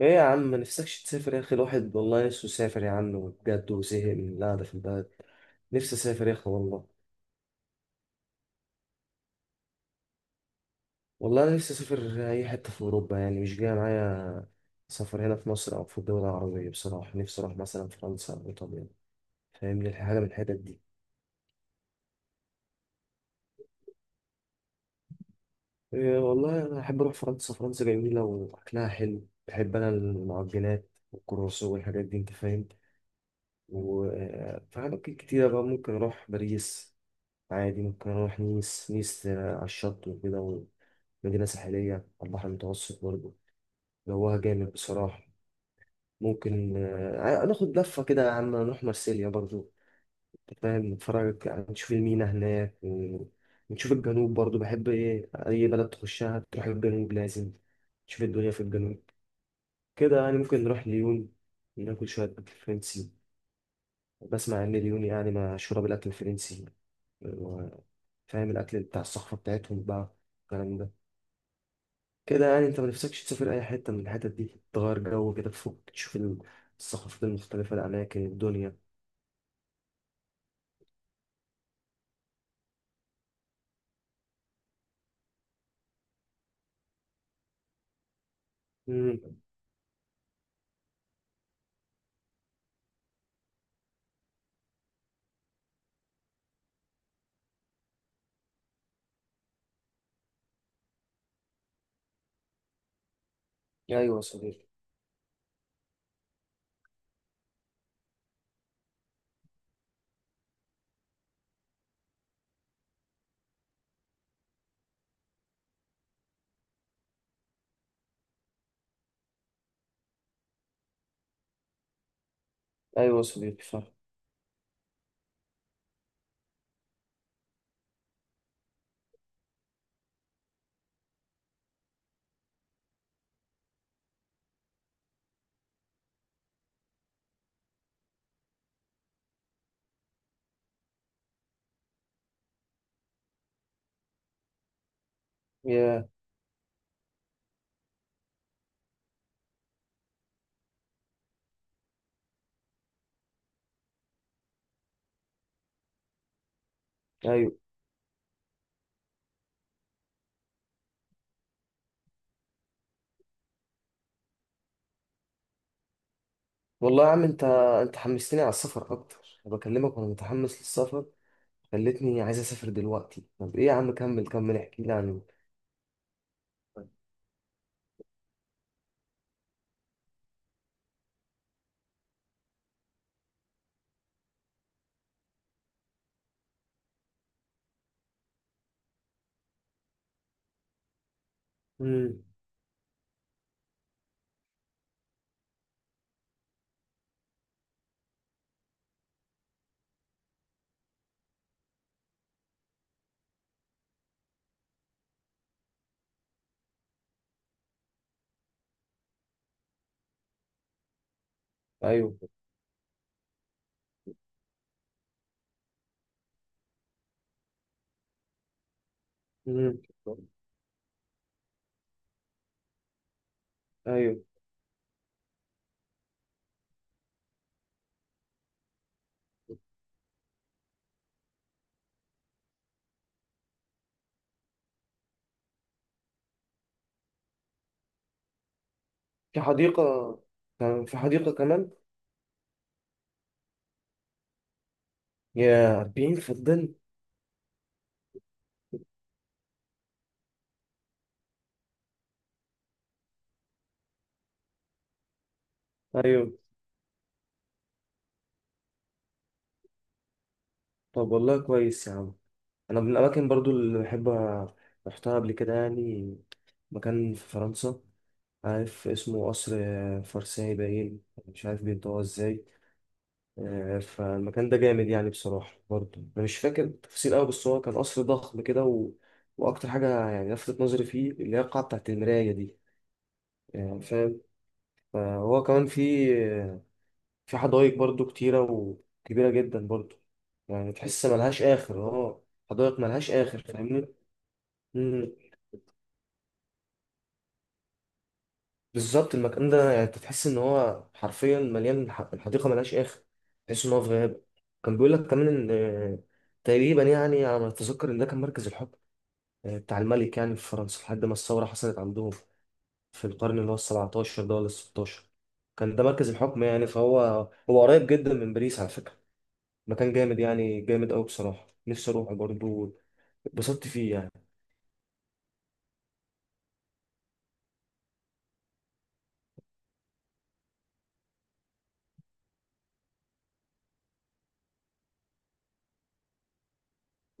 ايه يا عم، ما نفسكش تسافر يا اخي؟ الواحد والله نفسه يسافر يا عم بجد، وزهق من القعده في البلد. نفسي اسافر يا اخي والله. والله انا نفسي اسافر اي حته في اوروبا، يعني مش جاي معايا سفر هنا في مصر او في الدول العربيه. بصراحه نفسي اروح مثلا فرنسا او ايطاليا. فاهمني؟ حاجه من الحتت دي. إيه والله، انا احب اروح فرنسا. فرنسا جميله واكلها حلو. بحب انا المعجنات والكرواسون والحاجات دي، انت فاهم. وفي اماكن كتيره بقى ممكن اروح. باريس عادي، ممكن أروح نيس. نيس على الشط وكده، ومدينة ساحلية على البحر المتوسط برضه. جواها جامد بصراحة. ممكن ناخد لفة كده يا عم، نروح مارسيليا برضه. أنت فاهم؟ نتفرج يعني، نشوف المينا هناك ونشوف الجنوب برضه. بحب إيه؟ أي بلد تخشها تروح الجنوب لازم. تشوف الدنيا في الجنوب كده، يعني ممكن نروح ليون. ناكل شوية أكل فرنسي. بسمع إن ليون يعني مشهورة بالأكل الفرنسي و- فاهم الأكل بتاع الصخرة بتاعتهم بقى، الكلام ده. كده يعني انت ما نفسكش تسافر اي حته من الحتت دي، تغير جو كده، تفوق تشوف الثقافات المختلفه، الاماكن، الدنيا. امم. ايوه يا صديقي. ايوه يا صديقي، فاهم. يا. ايوه والله يا عم. انت انت حمستني على السفر اكتر، انا بكلمك وانا متحمس للسفر. خلتني عايز اسافر دلوقتي. طب ايه يا عم، كمل كمل احكي لي عن. امم. ايوه. امم. ايوه. في حديقه؟ كان في حديقه كمان؟ يا 40 فدان. ايوه. طب والله كويس يا عم. انا من الاماكن برضو اللي بحب، رحتها قبل كده يعني، مكان في فرنسا، عارف اسمه قصر فرساي باين، مش عارف بينطقوها ازاي. فالمكان ده جامد يعني بصراحة. برضو انا مش فاكر التفاصيل قوي، بس هو كان قصر ضخم كده و... واكتر حاجة يعني لفتت نظري فيه، اللي هي القاعة بتاعت المراية دي، يعني فاهم. فهو كمان في، في حدائق برضو كتيرة وكبيرة جدا برضو. يعني تحس ملهاش اخر، اه. حدائق ملهاش اخر، فاهمني؟ بالظبط، المكان ده يعني انت تحس ان هو حرفيا مليان، الحديقه ملهاش اخر، تحس ان هو في غابه. كان بيقول لك كمان ان تقريبا يعني، على ما اتذكر، ان ده كان مركز الحكم، بتاع الملك يعني، في فرنسا، لحد ما الثوره حصلت عندهم، في القرن اللي هو ال 17 ده ولا ال 16. كان ده مركز الحكم يعني، فهو هو قريب جدا من باريس على فكره. مكان جامد يعني، جامد قوي بصراحه، نفسي اروح برضه، اتبسطت فيه يعني.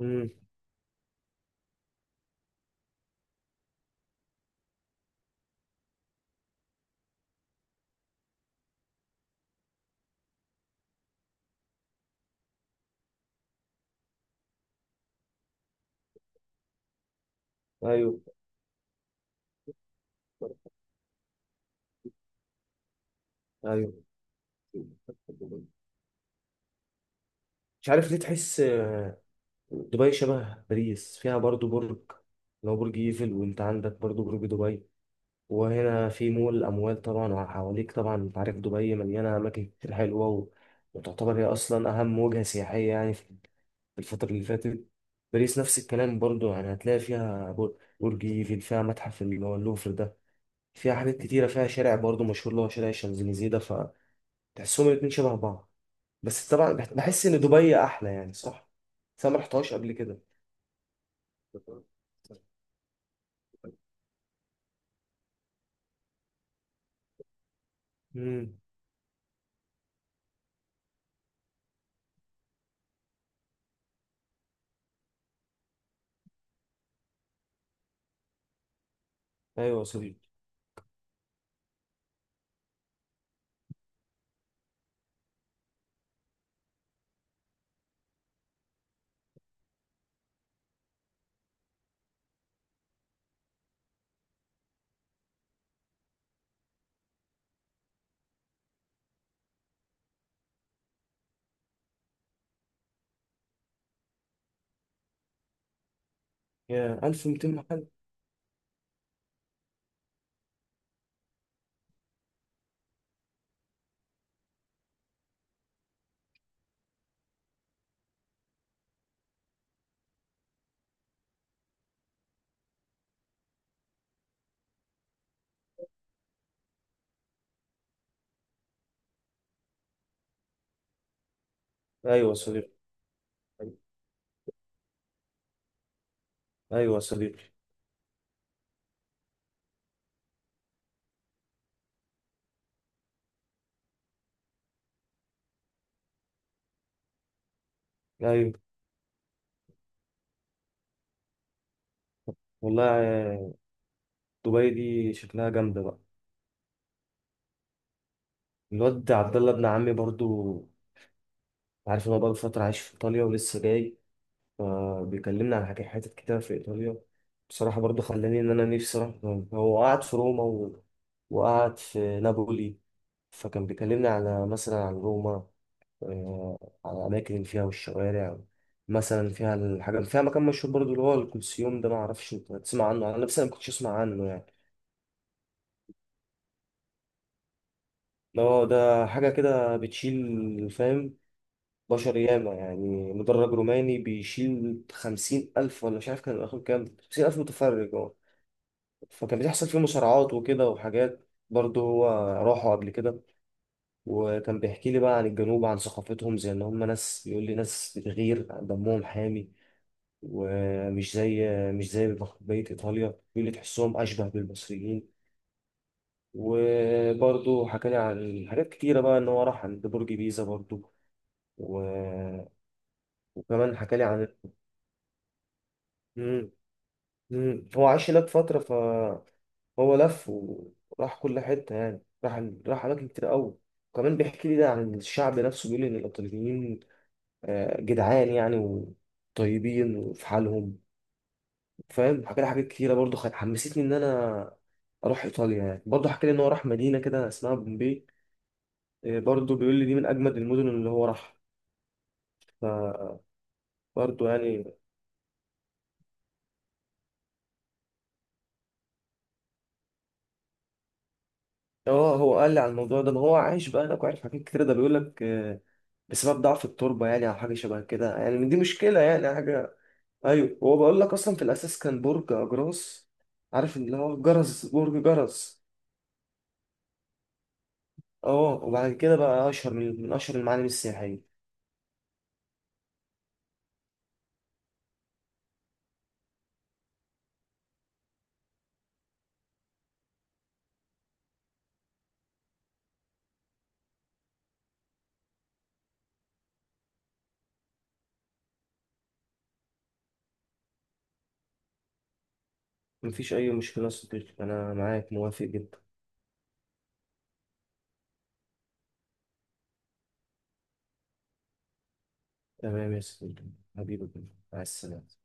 امم. ايوه. ايوه. مش عارف ليه، تحس دبي شبه باريس. فيها برضو برج، لو برج ايفل، وانت عندك برضو برج دبي. وهنا في مول الأموال طبعا، وحواليك طبعا انت عارف دبي مليانة أماكن كتير حلوة، وتعتبر هي أصلا أهم وجهة سياحية يعني في، في الفترة اللي فاتت. باريس نفس الكلام برضو، يعني هتلاقي فيها برج ايفل، فيها متحف اللي هو اللوفر ده، فيها حاجات كتيرة، فيها شارع برضو مشهور اللي هو شارع الشانزليزيه ده. فتحسهم الاتنين شبه بعض، بس طبعا بحس إن دبي أحلى، يعني صح؟ بس أنا مرحتهاش قبل كده. مم. ايوه يا صديقي. يا 1200 محل. ايوه يا صديقي. ايوه يا صديقي. ايوه والله دبي دي شكلها جامده بقى. الواد عبد الله ابن عمي برضو، عارف ان هو بقى فتره عايش في ايطاليا ولسه جاي، فبيكلمنا عن حاجات، حتت كتير في ايطاليا. بصراحه برضو خلاني ان انا نفسي اروح. هو قعد في روما و... وقعد في نابولي. فكان بيكلمني على مثلا، عن روما، آه، على الأماكن فيها والشوارع. مثلا فيها الحاجة، فيها مكان مشهور برضو اللي هو الكلسيوم ده، معرفش انت تسمع عنه، أنا نفسي ما كنتش أسمع عنه يعني. اللي هو ده حاجة كده بتشيل، فاهم؟ بشر ياما، يعني مدرج روماني بيشيل 50,000، ولا مش عارف كان الآخر كام، 50,000 متفرج، اه. فكان بيحصل فيه مصارعات وكده وحاجات برضه. هو راحوا قبل كده، وكان بيحكي لي بقى عن الجنوب، عن ثقافتهم، زي ان هم ناس، بيقول لي ناس بتغير، دمهم حامي، ومش زي، مش زي بقية إيطاليا اللي تحسهم أشبه بالمصريين. وبرضه حكالي عن حاجات كتيرة بقى، إن هو راح عند برج بيزا برضه و... وكمان حكالي عن. مم. هو عاش هناك فترة، فهو لف وراح كل حتة، يعني راح أماكن كتير أوي. وكمان بيحكي لي ده عن الشعب نفسه، بيقول لي إن الإيطاليين جدعان يعني، وطيبين، وفي حالهم، فاهم. حكى لي حاجات كتيرة برضه، حمستني إن أنا أروح إيطاليا يعني. برضه حكى لي إن هو راح مدينة كده اسمها بومبي، إيه، برضه بيقول لي دي من أجمد المدن اللي هو راحها، فبرضه يعني. آه، هو قال لي على الموضوع ده، ما هو عايش بقى هناك وعارف حاجات كتيرة. ده بيقول لك بسبب ضعف التربة يعني، أو حاجة شبه كده يعني، دي مشكلة يعني حاجة. أيوه، هو بقول لك أصلا في الأساس كان برج أجراس، عارف اللي هو جرس، برج جرس. اه، وبعد كده بقى أشهر من أشهر المعالم السياحية. مفيش أي مشكلة يا صديقي، أنا معاك موافق جدا. تمام يا صديقي، حبيبي. مع السلامة.